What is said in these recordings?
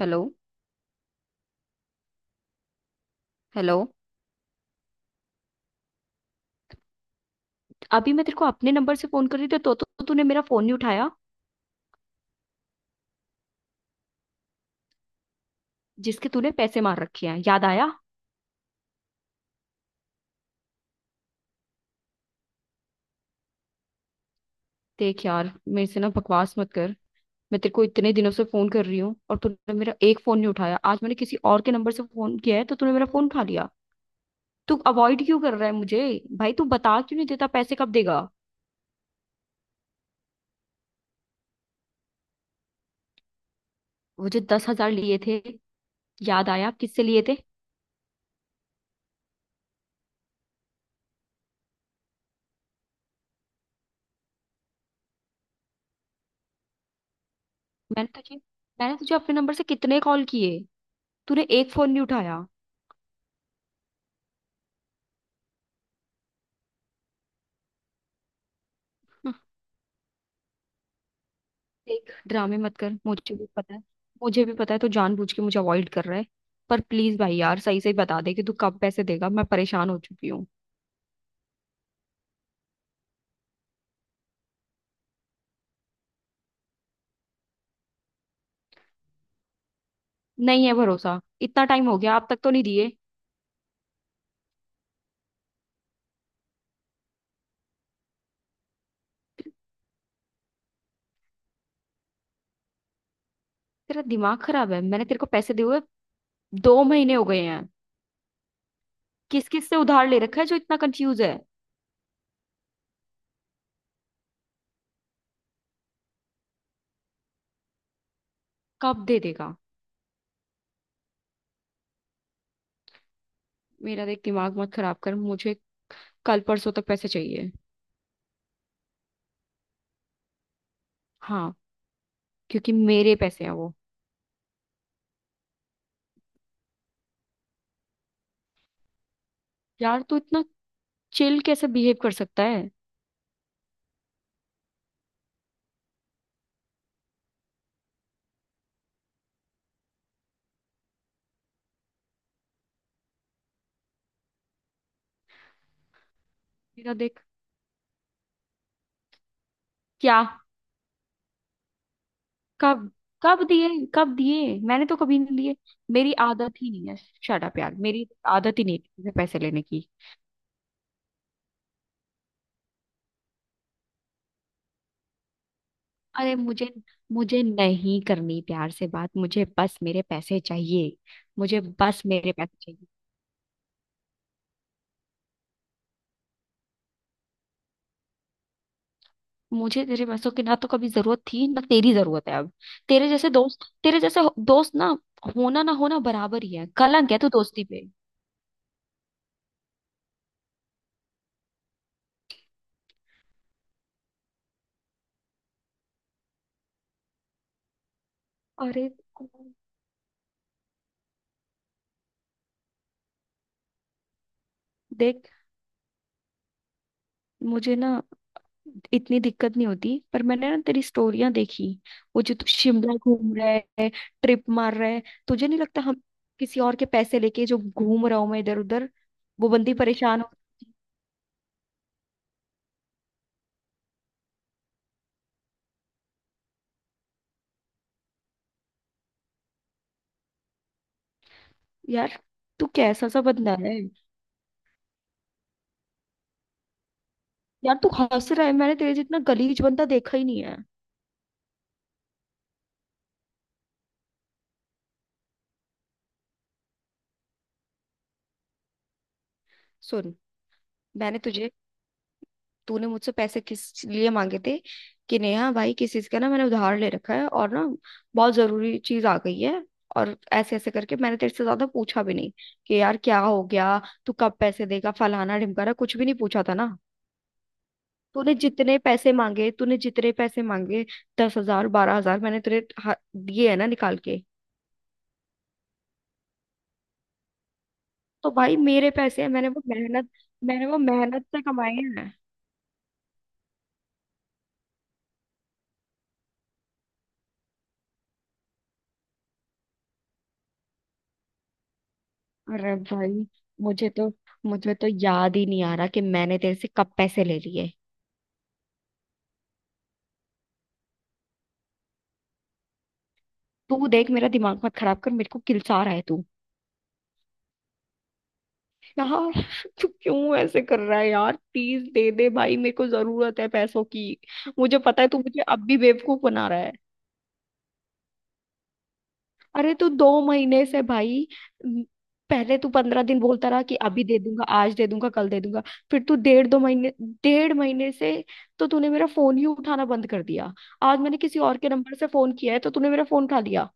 Hello. Hello. अभी मैं तेरे को अपने नंबर से फोन कर रही थी तो तूने मेरा फोन नहीं उठाया। जिसके तूने पैसे मार रखे हैं, याद आया? देख यार, मेरे से ना बकवास मत कर। मैं तेरे को इतने दिनों से फोन कर रही हूँ और तूने मेरा एक फोन नहीं उठाया। आज मैंने किसी और के नंबर से फोन किया है तो तूने मेरा फोन उठा लिया। तू अवॉइड क्यों कर रहा है मुझे? भाई तू बता क्यों नहीं देता, पैसे कब देगा? वो जो 10,000 लिए थे, याद आया किससे लिए थे? मैंने तुझे मैंने तुझे अपने नंबर से कितने कॉल किए, तूने एक फोन नहीं उठाया। देख ड्रामे मत कर, मुझे भी पता है। मुझे भी पता है तू जानबूझ के मुझे अवॉइड कर रहा है। पर प्लीज भाई यार सही से बता दे कि तू कब पैसे देगा, मैं परेशान हो चुकी हूँ। नहीं है भरोसा, इतना टाइम हो गया, अब तक तो नहीं दिए। तेरा दिमाग खराब है, मैंने तेरे को पैसे दिए हुए 2 महीने हो गए हैं। किस किस से उधार ले रखा है जो इतना कंफ्यूज है? कब दे देगा? मेरा देख दिमाग मत खराब कर मुझे। कल परसों तक पैसे चाहिए। हाँ, क्योंकि मेरे पैसे हैं वो। यार तू इतना चिल कैसे बिहेव कर सकता है? मेरा देख क्या, कब कब दिए? कब दिए? मैंने तो कभी नहीं लिए। मेरी आदत ही नहीं है। शट अप यार, मेरी आदत ही नहीं है किसी से पैसे लेने की। अरे मुझे मुझे नहीं करनी प्यार से बात, मुझे बस मेरे पैसे चाहिए। मुझे बस मेरे पैसे चाहिए। मुझे तेरे पैसों की ना तो कभी जरूरत थी ना तेरी जरूरत है अब। तेरे जैसे दोस्त दोस्त ना होना बराबर ही है, कलंक है तू दोस्ती पे। अरे देख, मुझे ना इतनी दिक्कत नहीं होती पर मैंने ना तेरी स्टोरियां देखी। वो जो तू शिमला घूम रहा है, ट्रिप मार रहा है। तुझे नहीं लगता हम किसी और के पैसे लेके जो घूम रहा हूं मैं इधर उधर? वो बंदी परेशान हो। यार तू कैसा सा बंदा है? यार तू हंस रहा है, मैंने तेरे जितना गलीज बंदा देखा ही नहीं है। सुन, मैंने तुझे तूने मुझसे पैसे किस लिए मांगे थे? कि नेहा भाई, किस चीज का ना मैंने उधार ले रखा है और ना, बहुत जरूरी चीज आ गई है। और ऐसे ऐसे करके मैंने तेरे से ज्यादा पूछा भी नहीं कि यार क्या हो गया, तू कब पैसे देगा, फलाना ढिमकाना, कुछ भी नहीं पूछा था ना। तूने जितने पैसे मांगे, 10,000, 12,000, मैंने तेरे दिए है ना निकाल के। तो भाई मेरे पैसे हैं, मैंने वो मेहनत से कमाए हैं। अरे भाई, मुझे तो मुझे तो याद ही नहीं आ रहा कि मैंने तेरे से कब पैसे ले लिए। तू देख मेरा दिमाग मत खराब कर, मेरे को किलसा रहा है तू। यार तू क्यों ऐसे कर रहा है यार, प्लीज दे दे भाई, मेरे को जरूरत है पैसों की। मुझे पता है तू मुझे अब भी बेवकूफ बना रहा। अरे तो 2 महीने से भाई, म, पहले तू 15 दिन बोलता रहा कि अभी दे दूंगा, आज दे दूंगा, कल दे दूंगा। फिर तू डेढ़ महीने से तो तूने मेरा फोन ही उठाना बंद कर दिया। आज मैंने किसी और के नंबर से फोन किया है तो तूने मेरा फोन उठा लिया।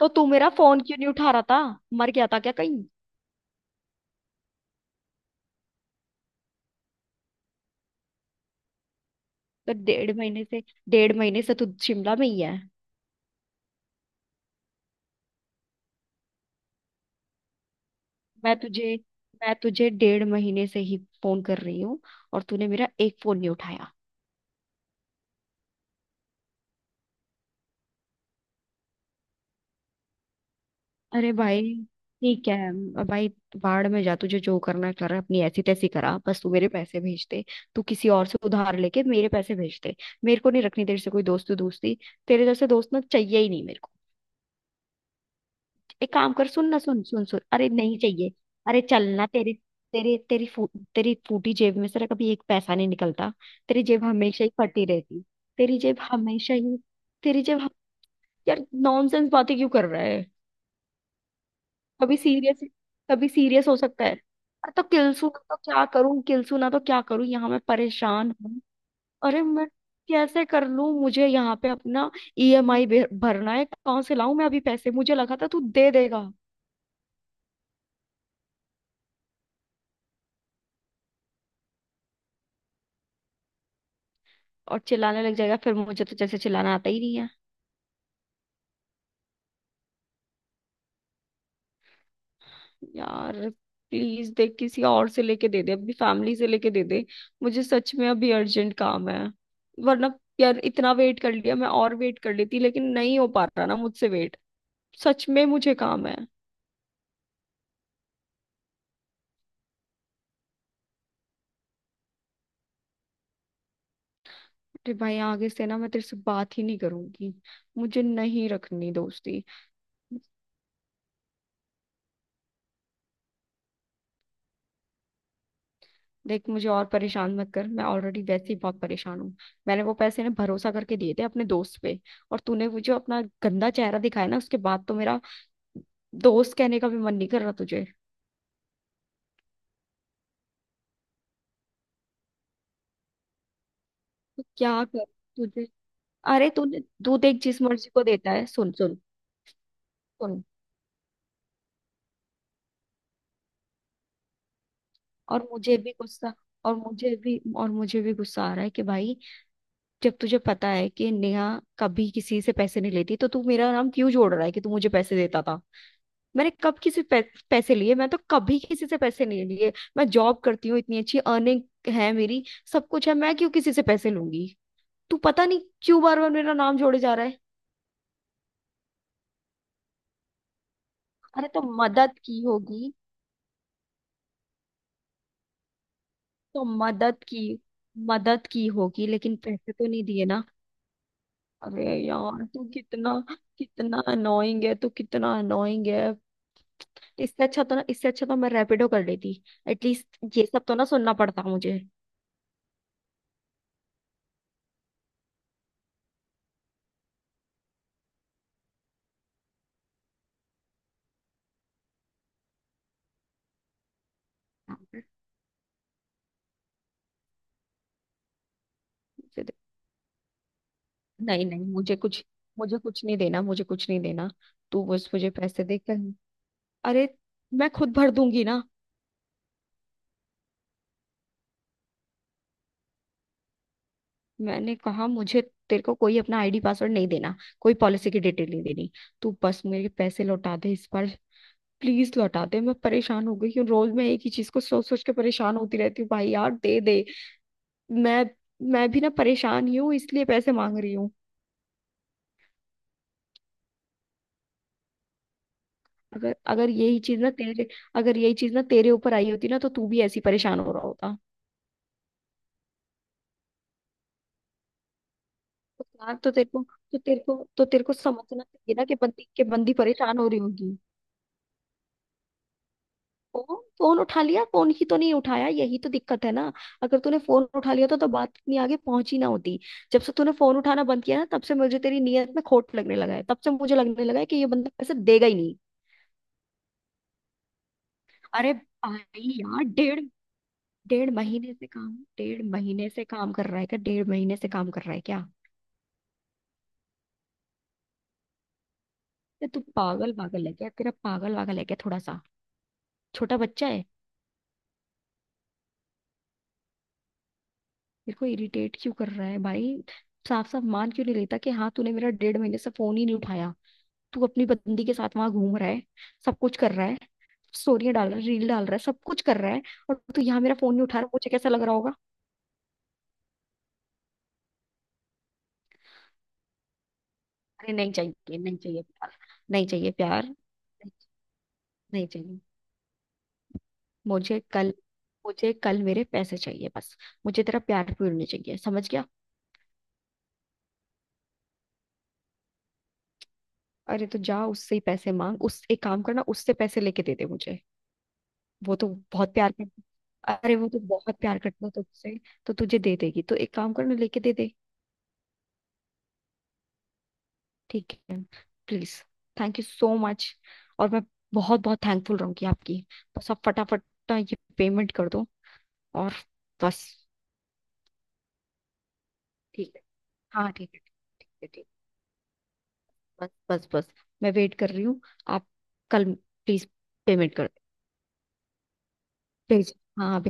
तो तू मेरा फोन क्यों नहीं उठा रहा था? मर गया था क्या कहीं? तो डेढ़ महीने से तू शिमला में ही है। मैं तुझे मैं तुझे डेढ़ महीने से ही फोन कर रही हूँ और तूने मेरा एक फोन नहीं उठाया। अरे भाई ठीक है, अब भाई बाढ़ में जा, तुझे जो करना है कर, अपनी ऐसी तैसी करा, बस तू मेरे पैसे भेज दे। तू किसी और से उधार लेके मेरे पैसे भेज दे। मेरे को नहीं रखनी तेरे से कोई दोस्ती दोस्ती। तेरे जैसे दोस्त ना चाहिए ही नहीं मेरे को। एक काम कर, सुन ना, सुन सुन सुन, अरे नहीं चाहिए। अरे चलना, तेरे तेरे तेरी फू, तेरी फूटी जेब में से ना कभी एक पैसा नहीं निकलता। तेरी जेब हमेशा ही फटी रहती। तेरी जेब हमेशा ही तेरी जेब हम- यार नॉनसेंस बातें क्यों कर रहा है? कभी सीरियस कभी सीरियस हो सकता है? अरे तो किलसू तो क्या करूं, किलसू ना तो क्या करूं, यहाँ मैं परेशान हूँ। अरे मैं कैसे कर लूं, मुझे यहाँ पे अपना ईएमआई भरना है, कहाँ से लाऊं मैं अभी पैसे, मुझे लगा था तू दे देगा। और चिल्लाने लग जाएगा फिर, मुझे तो जैसे चिल्लाना आता ही नहीं है। यार प्लीज देख किसी और से लेके दे दे, अपनी फैमिली से लेके दे दे, मुझे सच में अभी अर्जेंट काम है, वरना, यार इतना वेट कर लिया मैं और वेट कर लेती लेकिन नहीं हो पा रहा ना मुझसे वेट। सच में मुझे काम है। अरे भाई आगे से ना मैं तेरे से बात ही नहीं करूंगी, मुझे नहीं रखनी दोस्ती। देख मुझे और परेशान मत कर, मैं ऑलरेडी वैसे ही बहुत परेशान हूँ। मैंने वो पैसे ना भरोसा करके दिए थे अपने दोस्त पे, और तूने वो जो अपना गंदा चेहरा दिखाया ना, उसके बाद तो मेरा दोस्त कहने का भी मन नहीं कर रहा तुझे। तो क्या कर तुझे, अरे तू तू देख जिस मर्जी को देता है, सुन सुन सुन। और मुझे भी गुस्सा और मुझे भी गुस्सा आ रहा है कि भाई, जब तुझे पता है कि नेहा कभी किसी से पैसे नहीं लेती तो तू मेरा नाम क्यों जोड़ रहा है कि तू मुझे पैसे देता था? मैंने कब किसी पैसे लिए? मैं तो कभी किसी से पैसे नहीं लिए, मैं जॉब करती हूँ, इतनी अच्छी अर्निंग है मेरी, सब कुछ है, मैं क्यों किसी से पैसे लूंगी? तू पता नहीं क्यों बार बार मेरा नाम जोड़े जा रहा है। अरे तो मदद की होगी, तो मदद की, मदद की होगी, लेकिन पैसे तो नहीं दिए ना। अरे यार तू कितना कितना अनोइंग है, तू कितना अनोइंग है! इससे अच्छा तो मैं रैपिडो कर लेती, एटलीस्ट ये सब तो ना सुनना पड़ता मुझे। मुझे दे- नहीं नहीं, मुझे कुछ नहीं देना, मुझे कुछ नहीं देना। तू बस मुझे पैसे दे कर, अरे मैं खुद भर दूंगी ना। मैंने कहा मुझे, तेरे को कोई अपना आईडी पासवर्ड नहीं देना, कोई पॉलिसी की डिटेल नहीं देनी, तू बस मेरे पैसे लौटा दे इस बार, प्लीज लौटा दे, मैं परेशान हो गई हूँ, रोज मैं एक ही चीज को सोच सोच के परेशान होती रहती हूँ भाई यार दे दे। मैं मैं भी ना परेशान ही हूँ इसलिए पैसे मांग रही हूँ। अगर अगर यही चीज ना तेरे अगर यही चीज ना तेरे ऊपर आई होती ना तो तू भी ऐसी परेशान हो रहा होता। तो यार, तो तेरे को समझना चाहिए ना कि बंदी परेशान हो रही होगी। फोन फोन उठा लिया? फोन ही तो नहीं उठाया, यही तो दिक्कत है ना। अगर तूने फोन उठा लिया तो बात इतनी आगे पहुंची ना होती। जब से तूने फोन उठाना बंद किया ना तब से मुझे तेरी नीयत में खोट लगने लगा है, तब से मुझे लगने लगा है कि ये बंदा पैसे देगा ही नहीं। अरे भाई यार, डेढ़ डेढ़ महीने से काम डेढ़ महीने से काम कर रहा है क्या? डेढ़ महीने से काम कर रहा है क्या? ये तू पागल पागल है क्या, तेरा पागल वागल है क्या थोड़ा सा? छोटा बच्चा है? मेरे को इरिटेट क्यों कर रहा है भाई? साफ साफ मान क्यों नहीं लेता कि हाँ, तूने मेरा डेढ़ महीने से फोन ही नहीं उठाया, तू अपनी बंदी के साथ वहां घूम रहा है, सब कुछ कर रहा है, स्टोरियां डाल रहा है, रील डाल रहा है, सब कुछ कर रहा है। और तू यहाँ मेरा फोन नहीं उठा रहा, मुझे कैसा लग रहा होगा? अरे नहीं चाहिए, नहीं चाहिए प्यार, नहीं चाहिए प्यार, नहीं नहीं चाहिए। मुझे कल मुझे कल मेरे पैसे चाहिए बस। मुझे तेरा प्यार पूरी नहीं चाहिए समझ गया? अरे तो जा उससे ही पैसे मांग, उस एक काम करना उससे पैसे लेके दे दे मुझे। वो तो बहुत प्यार करता अरे वो तो बहुत प्यार करता है तुझसे, तो तुझे दे देगी, तो एक काम करना लेके दे दे। ठीक है, please, thank you so much, और मैं बहुत बहुत थैंकफुल रहूंगी आपकी, बस आप फटाफट ना ये पेमेंट कर दो, और बस। ठीक है, हाँ ठीक है, ठीक है ठीक है। बस बस बस, मैं वेट कर रही हूँ, आप कल, प्लीज पेमेंट कर, भेज, हाँ।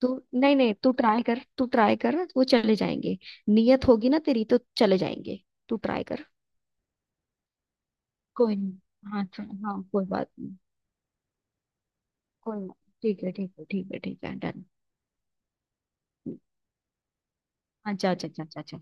तू नहीं नहीं, तू ट्राई कर, तू ट्राई कर, वो चले जाएंगे। नियत होगी ना तेरी तो चले जाएंगे। तू ट्राई कर, कोई नहीं, हाँ चल, हाँ कोई बात नहीं, कोई ना। ठीक है ठीक है ठीक है ठीक है, डन। हाँ, जा जा जा जा जा।